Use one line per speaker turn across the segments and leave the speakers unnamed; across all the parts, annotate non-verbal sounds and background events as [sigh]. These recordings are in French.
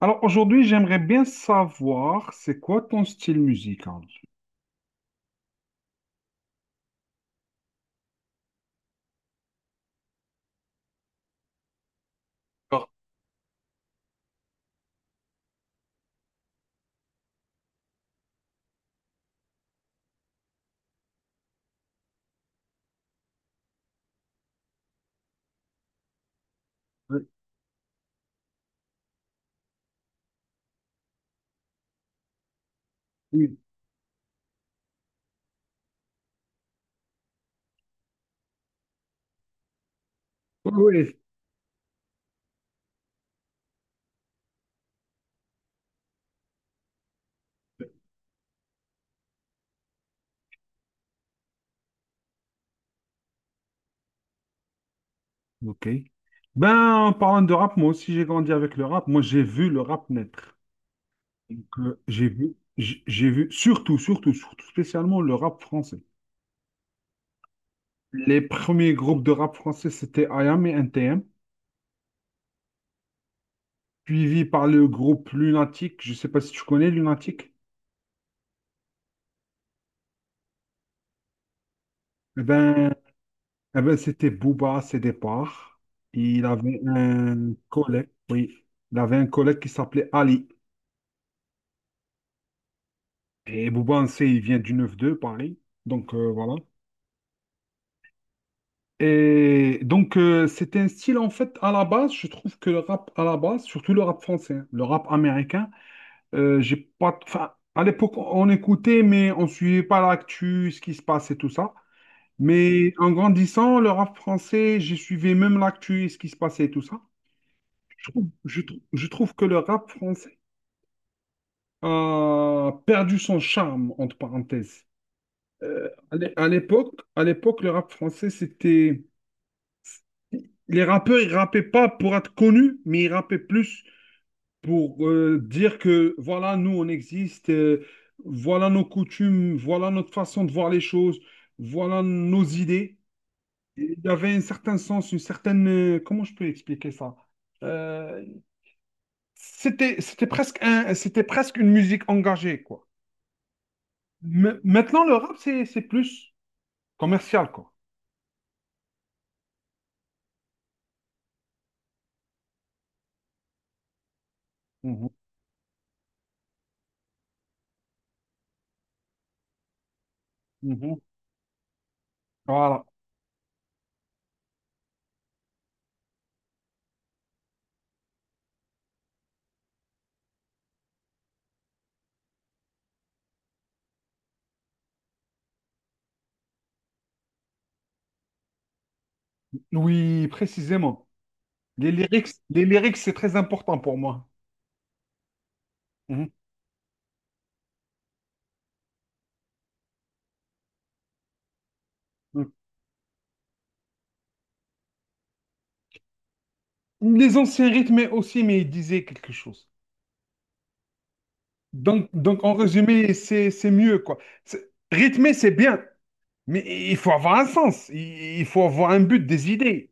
Alors aujourd'hui, j'aimerais bien savoir c'est quoi ton style musical. Oui, oui, oui. Ok. Ben, en parlant de rap, moi aussi j'ai grandi avec le rap. Moi j'ai vu le rap naître. Donc, j'ai vu, j'ai vu surtout, surtout, surtout, spécialement le rap français. Les premiers groupes de rap français, c'était IAM et NTM, suivi par le groupe Lunatic. Je sais pas si tu connais Lunatic. Eh ben, eh ben, c'était Booba à ses départs. Il avait un collègue, oui. Il avait un collègue qui s'appelait Ali. Et Booba, on sait, il vient du 9-2, Paris. Donc, voilà. Et donc, c'était un style, en fait, à la base, je trouve que le rap, à la base, surtout le rap français, hein, le rap américain, j'ai pas... Enfin, à l'époque, on écoutait, mais on suivait pas l'actu, ce qui se passe et tout ça. Mais en grandissant, le rap français, j'ai suivi même l'actu et ce qui se passait et tout ça. Je trouve, je trouve que le rap français a perdu son charme, entre parenthèses. À l'époque, à l'époque, le rap français, c'était... Les rappeurs, ils rappaient pas pour être connus, mais ils rappaient plus pour dire que, voilà, nous, on existe, voilà nos coutumes, voilà notre façon de voir les choses, voilà nos idées. Il y avait un certain sens, une certaine... comment je peux expliquer ça? Euh, c'était presque un, c'était presque une musique engagée, quoi. Maintenant, le rap, c'est plus commercial, quoi. Mhm, mhm. Voilà. Oui, précisément. Les lyrics, c'est très important pour moi. Mhm, mhm. Les anciens rythmes aussi, mais ils disaient quelque chose. Donc en résumé, c'est mieux, quoi. C'est- Rythmer, c'est bien, mais il faut avoir un sens. Il faut avoir un but, des idées.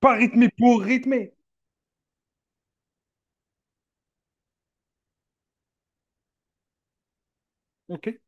Pas rythmer pour rythmer. OK?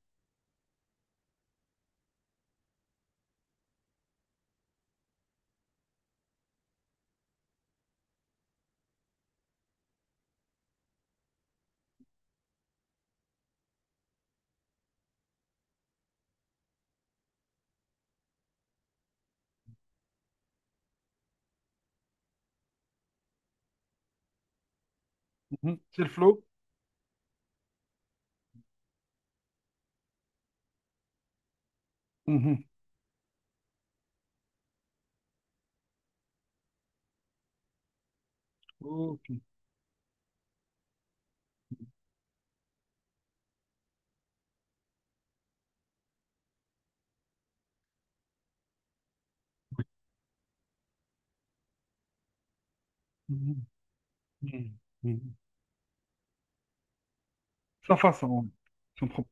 Mhm, c'est le flow. Mhm. OK. Mhm, mhm, mhm. Sa façon, oui. Son propre.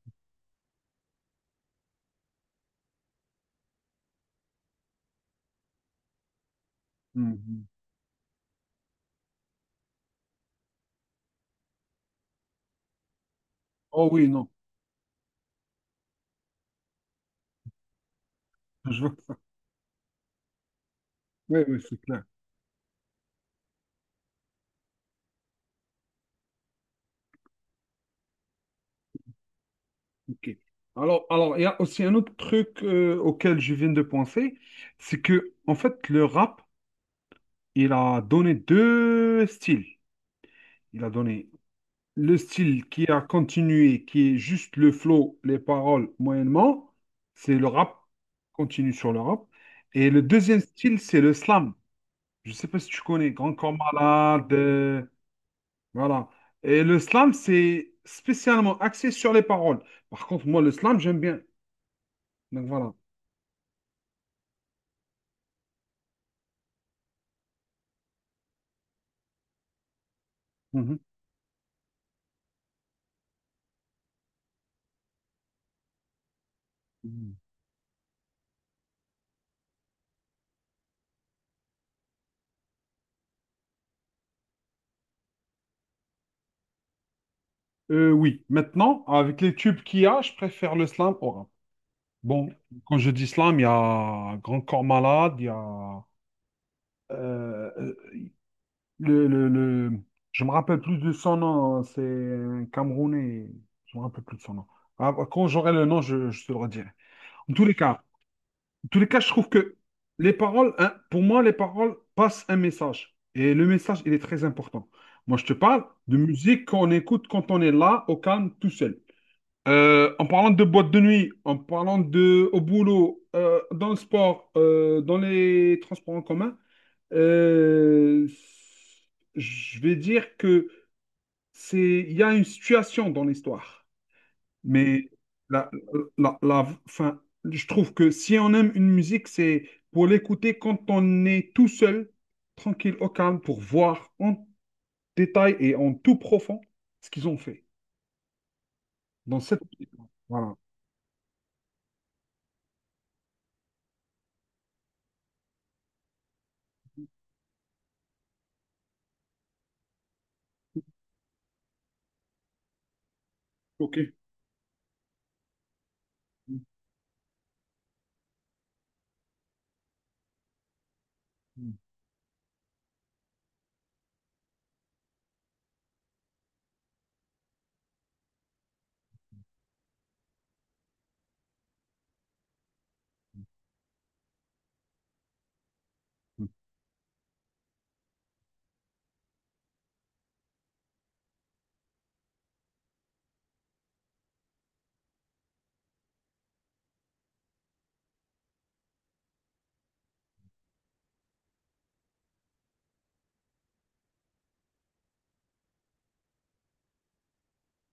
Mhm. Oh oui, non, je vois. Oui, oui, c'est clair. Ok. Alors, il y a aussi un autre truc auquel je viens de penser, c'est que, en fait, le rap, il a donné deux styles. Il a donné le style qui a continué, qui est juste le flow, les paroles, moyennement. C'est le rap, continue sur le rap. Et le deuxième style, c'est le slam. Je ne sais pas si tu connais Grand Corps Malade. Voilà. Et le slam, c'est spécialement axé sur les paroles. Par contre, moi, le slam, j'aime bien. Donc voilà. Mhm. Mhm. Oui, maintenant, avec les tubes qu'il y a, je préfère le slam au rap. Bon, quand je dis slam, il y a Grand Corps Malade, il y a euh, euh, le, le, le- Je me rappelle plus de son nom, hein, c'est un Camerounais. Je me rappelle plus de son nom. Ah, quand j'aurai le nom, je te le redirai. En tous les cas, en tous les cas, je trouve que les paroles, hein, pour moi, les paroles passent un message. Et le message, il est très important. Moi, je te parle de musique qu'on écoute quand on est là, au calme, tout seul. En parlant de boîte de nuit, en parlant de au boulot, dans le sport, dans les transports en commun, euh, je vais dire que c'est, il y a une situation dans l'histoire. Mais la, la, enfin, je trouve que si on aime une musique, c'est pour l'écouter quand on est tout seul, tranquille, au calme, pour voir en détail et en tout profond ce qu'ils ont fait dans cette musique-là. Voilà. OK. Mm.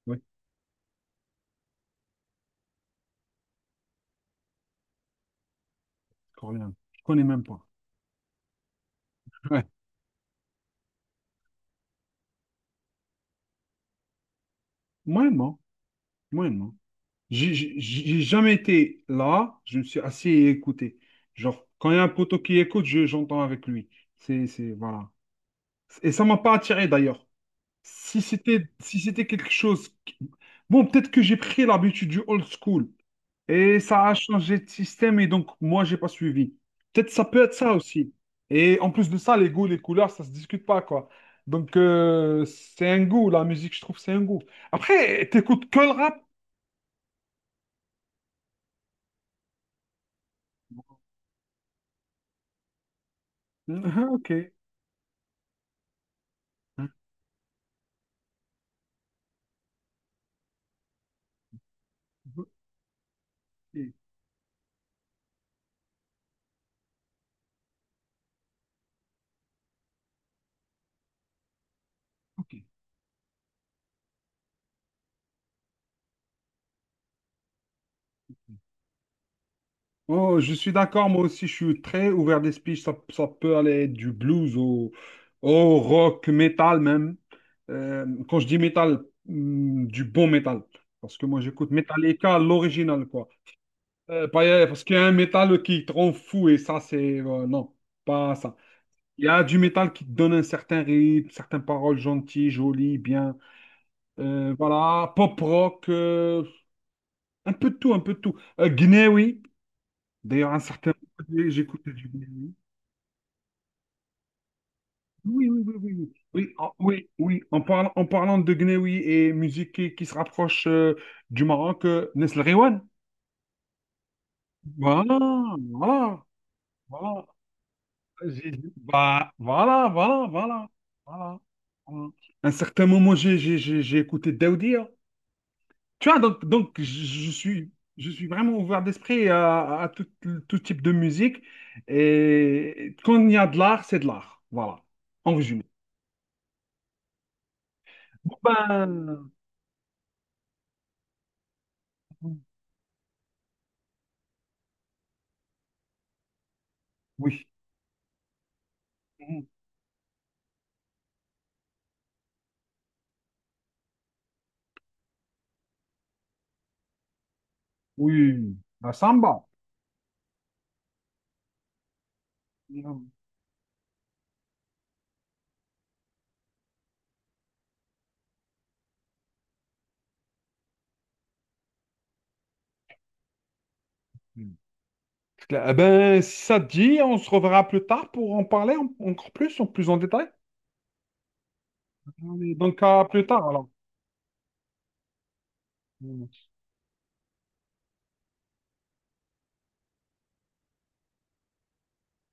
Oui, coréen. Je connais même pas. Ouais. Moyennement, moyennement. J'ai jamais été là, je me suis assis et écouté. Genre, quand il y a un poteau qui écoute, j'entends avec lui. C'est, voilà. Et ça m'a pas attiré d'ailleurs. Si c'était si c'était quelque chose. Qui- Bon, peut-être que j'ai pris l'habitude du old school et ça a changé de système et donc moi, j'ai pas suivi. Peut-être ça peut être ça aussi. Et en plus de ça, les goûts, les couleurs, ça se discute pas, quoi. Donc, c'est un goût, la musique, je trouve, c'est un goût. Après, t'écoutes que le rap? [laughs] Mhm, ok. Ok. Ok. Oh, je suis d'accord, moi aussi, je suis très ouvert d'esprit. Ça peut aller du blues au, au rock, métal même. Quand je dis métal, hmm, du bon métal. Parce que moi, j'écoute Metallica, l'original, quoi. Parce qu'il y a un métal qui te rend fou et ça, c'est... non, pas ça. Il y a du métal qui te donne un certain rythme, certaines paroles gentilles, jolies, bien. Voilà, pop rock, un peu de tout, un peu de tout. Gnewi, d'ailleurs, un certain... J'écoute du Gnewi. Oui, oui, oui, oui, oui, oui. En parlant de Gnewi et musique qui se rapproche du Maroc, Nesl Rewan. Voilà, voilà, voilà. J'ai- bah, voilà, voilà, voilà, voilà. Voilà. À un certain moment, j'ai écouté Daoudia. Tu vois, donc je suis, je suis vraiment ouvert d'esprit à tout, tout type de musique. Et quand il y a de l'art, c'est de l'art. Voilà, en résumé. Bon, ben, oui. Oui, la samba. Mm. Eh ben, si ça te dit, on se reverra plus tard pour en parler encore plus, en plus en détail. Allez, donc, à plus tard alors. Mm.